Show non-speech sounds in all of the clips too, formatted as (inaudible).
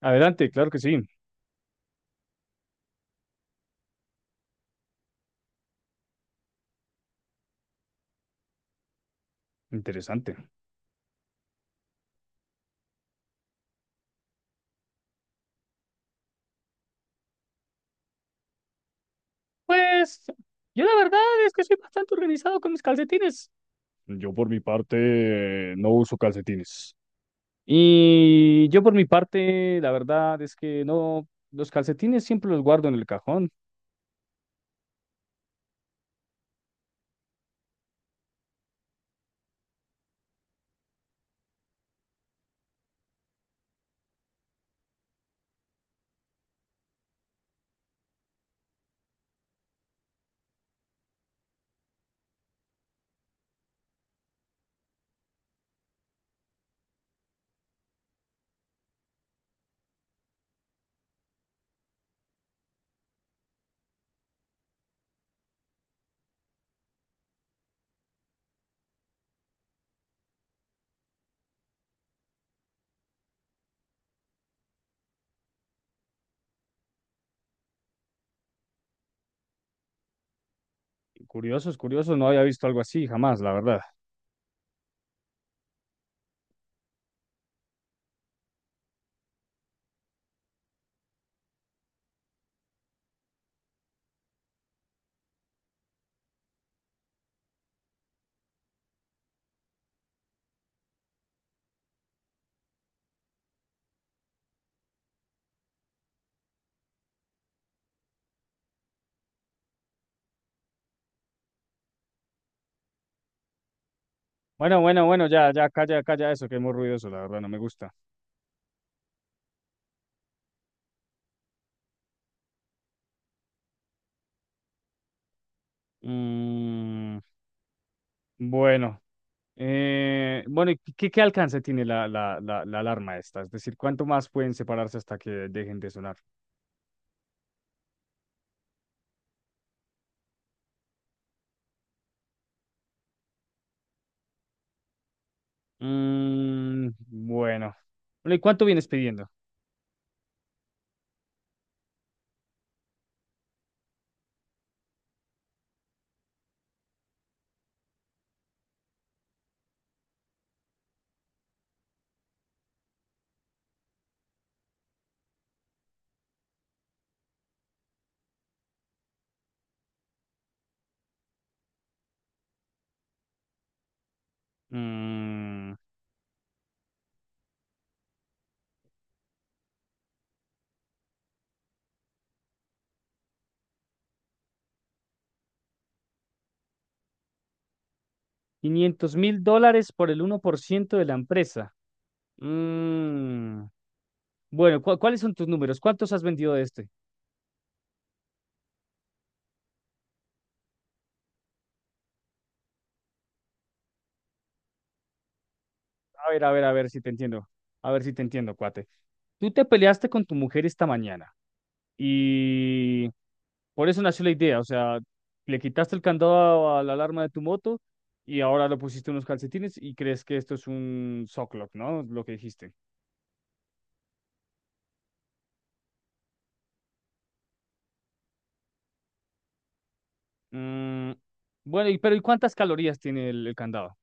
Adelante, claro que sí. Interesante. Pues yo la verdad es que soy bastante organizado con mis calcetines. Yo por mi parte no uso calcetines. Y yo por mi parte, la verdad es que no, los calcetines siempre los guardo en el cajón. Curiosos, curiosos, no había visto algo así jamás, la verdad. Bueno, bueno, bueno, ya, ya, calla, calla eso, que es muy ruidoso, la verdad, no me gusta. Mm, bueno. Bueno, ¿y ¿qué alcance tiene la alarma esta? Es decir, ¿cuánto más pueden separarse hasta que dejen de sonar? Mm, bueno. Bueno, ¿y cuánto vienes pidiendo? Mm, 500 mil dólares por el 1% de la empresa. Mm, bueno, cuáles son tus números? ¿Cuántos has vendido de este? A ver, a ver, a ver si te entiendo. A ver si te entiendo, cuate. Tú te peleaste con tu mujer esta mañana y. Por eso nació la idea, o sea, le quitaste el candado a la alarma de tu moto y ahora le pusiste unos calcetines y crees que esto es un sock lock, ¿no? Lo que dijiste. Mm, bueno, y, pero ¿y cuántas calorías tiene el candado?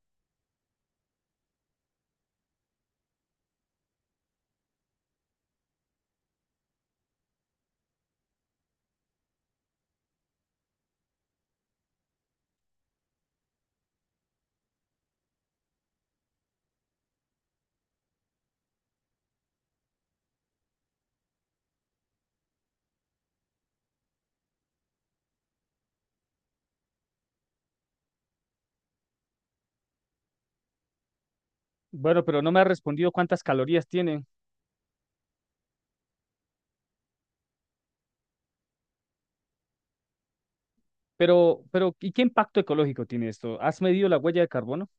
Bueno, pero no me ha respondido cuántas calorías tiene. Pero, ¿y qué impacto ecológico tiene esto? ¿Has medido la huella de carbono?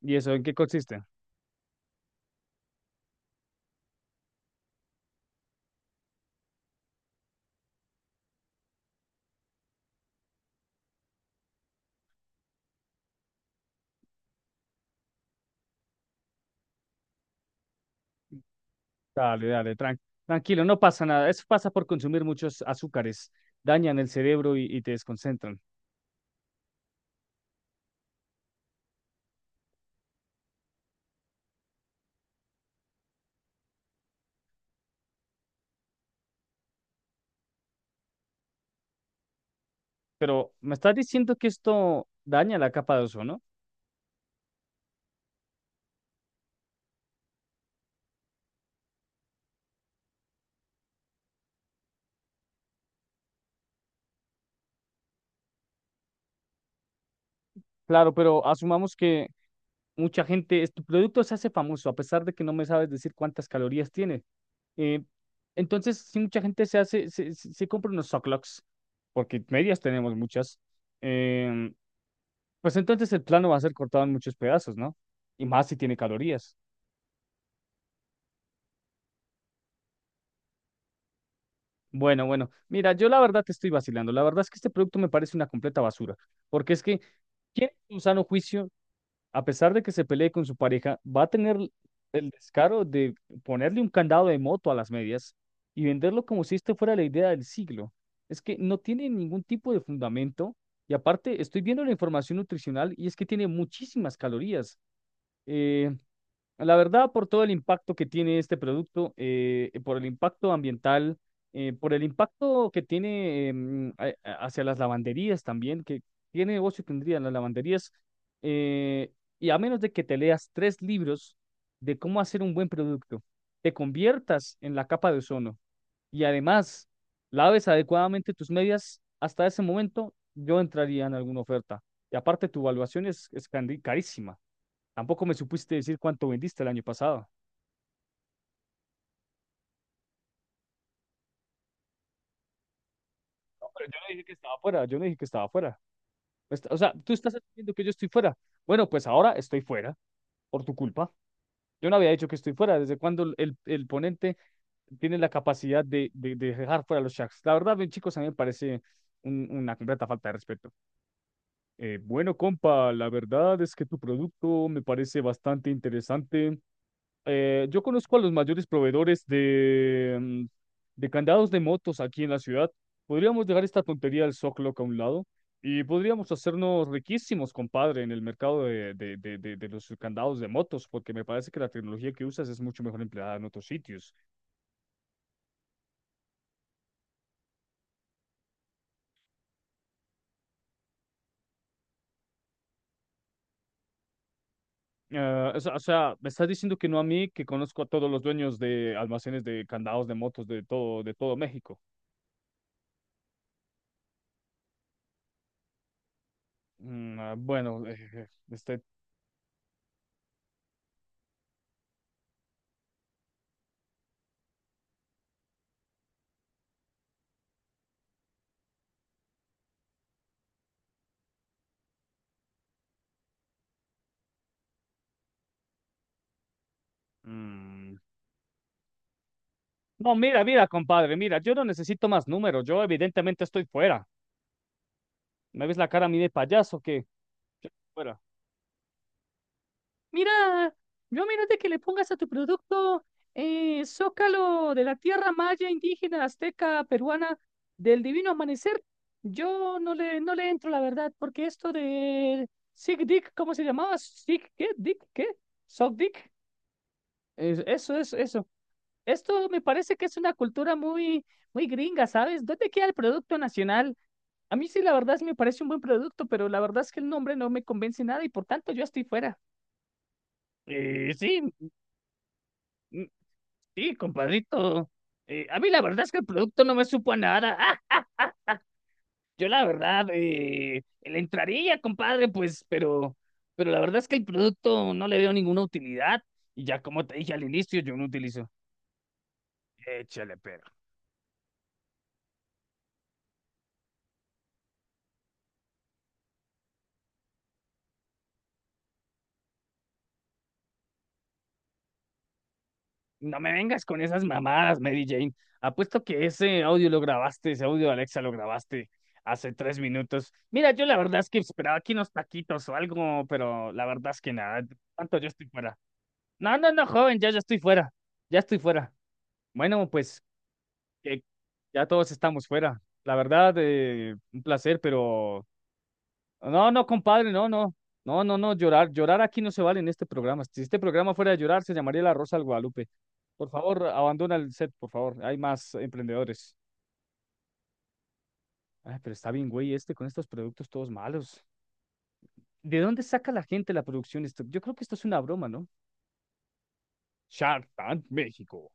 ¿Y eso en qué consiste? Dale, dale, tranquilo, no pasa nada. Eso pasa por consumir muchos azúcares, dañan el cerebro y te desconcentran. Pero me estás diciendo que esto daña la capa de ozono. Claro, pero asumamos que mucha gente, tu producto se hace famoso, a pesar de que no me sabes decir cuántas calorías tiene. Eh, entonces, si mucha gente se hace, se compra unos socklocks, porque medias tenemos muchas, em, pues entonces el plano va a ser cortado en muchos pedazos, ¿no? Y más si tiene calorías. Bueno, bueno, mira, yo la verdad te estoy vacilando. La verdad es que este producto me parece una completa basura, porque es que, ¿quién en su sano juicio a pesar de que se pelee con su pareja, va a tener el descaro de ponerle un candado de moto a las medias y venderlo como si esto fuera la idea del siglo? Es que no tiene ningún tipo de fundamento y aparte estoy viendo la información nutricional y es que tiene muchísimas calorías. Eh, la verdad, por todo el impacto que tiene este producto, por el impacto ambiental, por el impacto que tiene hacia las lavanderías también, que qué negocio tendrían las lavanderías, eh, y a menos de que te leas tres libros de cómo hacer un buen producto, te conviertas en la capa de ozono y además laves adecuadamente tus medias, hasta ese momento yo entraría en alguna oferta. Y aparte, tu evaluación es carísima. Tampoco me supiste decir cuánto vendiste el año pasado. Pero yo no dije que estaba fuera, yo no dije que estaba fuera. O sea, tú estás asumiendo que yo estoy fuera. Bueno, pues ahora estoy fuera, por tu culpa. Yo no había dicho que estoy fuera. ¿Desde cuando el ponente tiene la capacidad de dejar fuera a los Sharks? La verdad, bien, chicos, a mí me parece una completa falta de respeto. Bueno, compa, la verdad es que tu producto me parece bastante interesante. Yo conozco a los mayores proveedores de candados de motos aquí en la ciudad. Podríamos dejar esta tontería del Zocloc a un lado y podríamos hacernos riquísimos, compadre, en el mercado de los candados de motos, porque me parece que la tecnología que usas es mucho mejor empleada en otros sitios. Ah, o sea, me estás diciendo que no a mí, que conozco a todos los dueños de almacenes de candados de motos de todo México. Mm, ah, bueno, (laughs) este, mm. No, mira, mira, compadre, mira, yo no necesito más números, yo evidentemente estoy fuera. ¿Me ves la cara a mí de payaso que fuera? Mira, yo menos de que le pongas a tu producto Zócalo de la tierra maya, indígena, azteca, peruana, del divino amanecer, yo no le entro, la verdad, porque esto de Sig Dick, ¿cómo se llamaba? Sig, ¿qué? Dick, ¿qué? Sock Dick. Eso, eso, eso. Esto me parece que es una cultura muy, muy gringa, ¿sabes? ¿Dónde queda el producto nacional? A mí sí, la verdad, sí me parece un buen producto, pero la verdad es que el nombre no me convence nada y por tanto yo estoy fuera. Sí, mm, sí, compadrito. A mí la verdad es que el producto no me supo a nada. Ah, yo la verdad, le entraría, compadre, pues, pero la verdad es que el producto no le veo ninguna utilidad y ya como te dije al inicio, yo no utilizo. Échale, pero. No me vengas con esas mamadas, Mary Jane. Apuesto que ese audio lo grabaste, ese audio de Alexa lo grabaste hace 3 minutos. Mira, yo la verdad es que esperaba aquí unos taquitos o algo, pero la verdad es que nada, tanto yo estoy fuera. No, no, no, joven, ya, ya estoy fuera, ya estoy fuera. Bueno, pues que ya todos estamos fuera. La verdad, un placer, pero no, no, compadre, no, no. No, no, no, llorar, llorar aquí no se vale en este programa. Si este programa fuera de llorar, se llamaría La Rosa al Guadalupe. Por favor, abandona el set, por favor. Hay más emprendedores. Ay, pero está bien, güey, con estos productos todos malos. ¿De dónde saca la gente la producción? Esto, yo creo que esto es una broma, ¿no? Shark Tank México.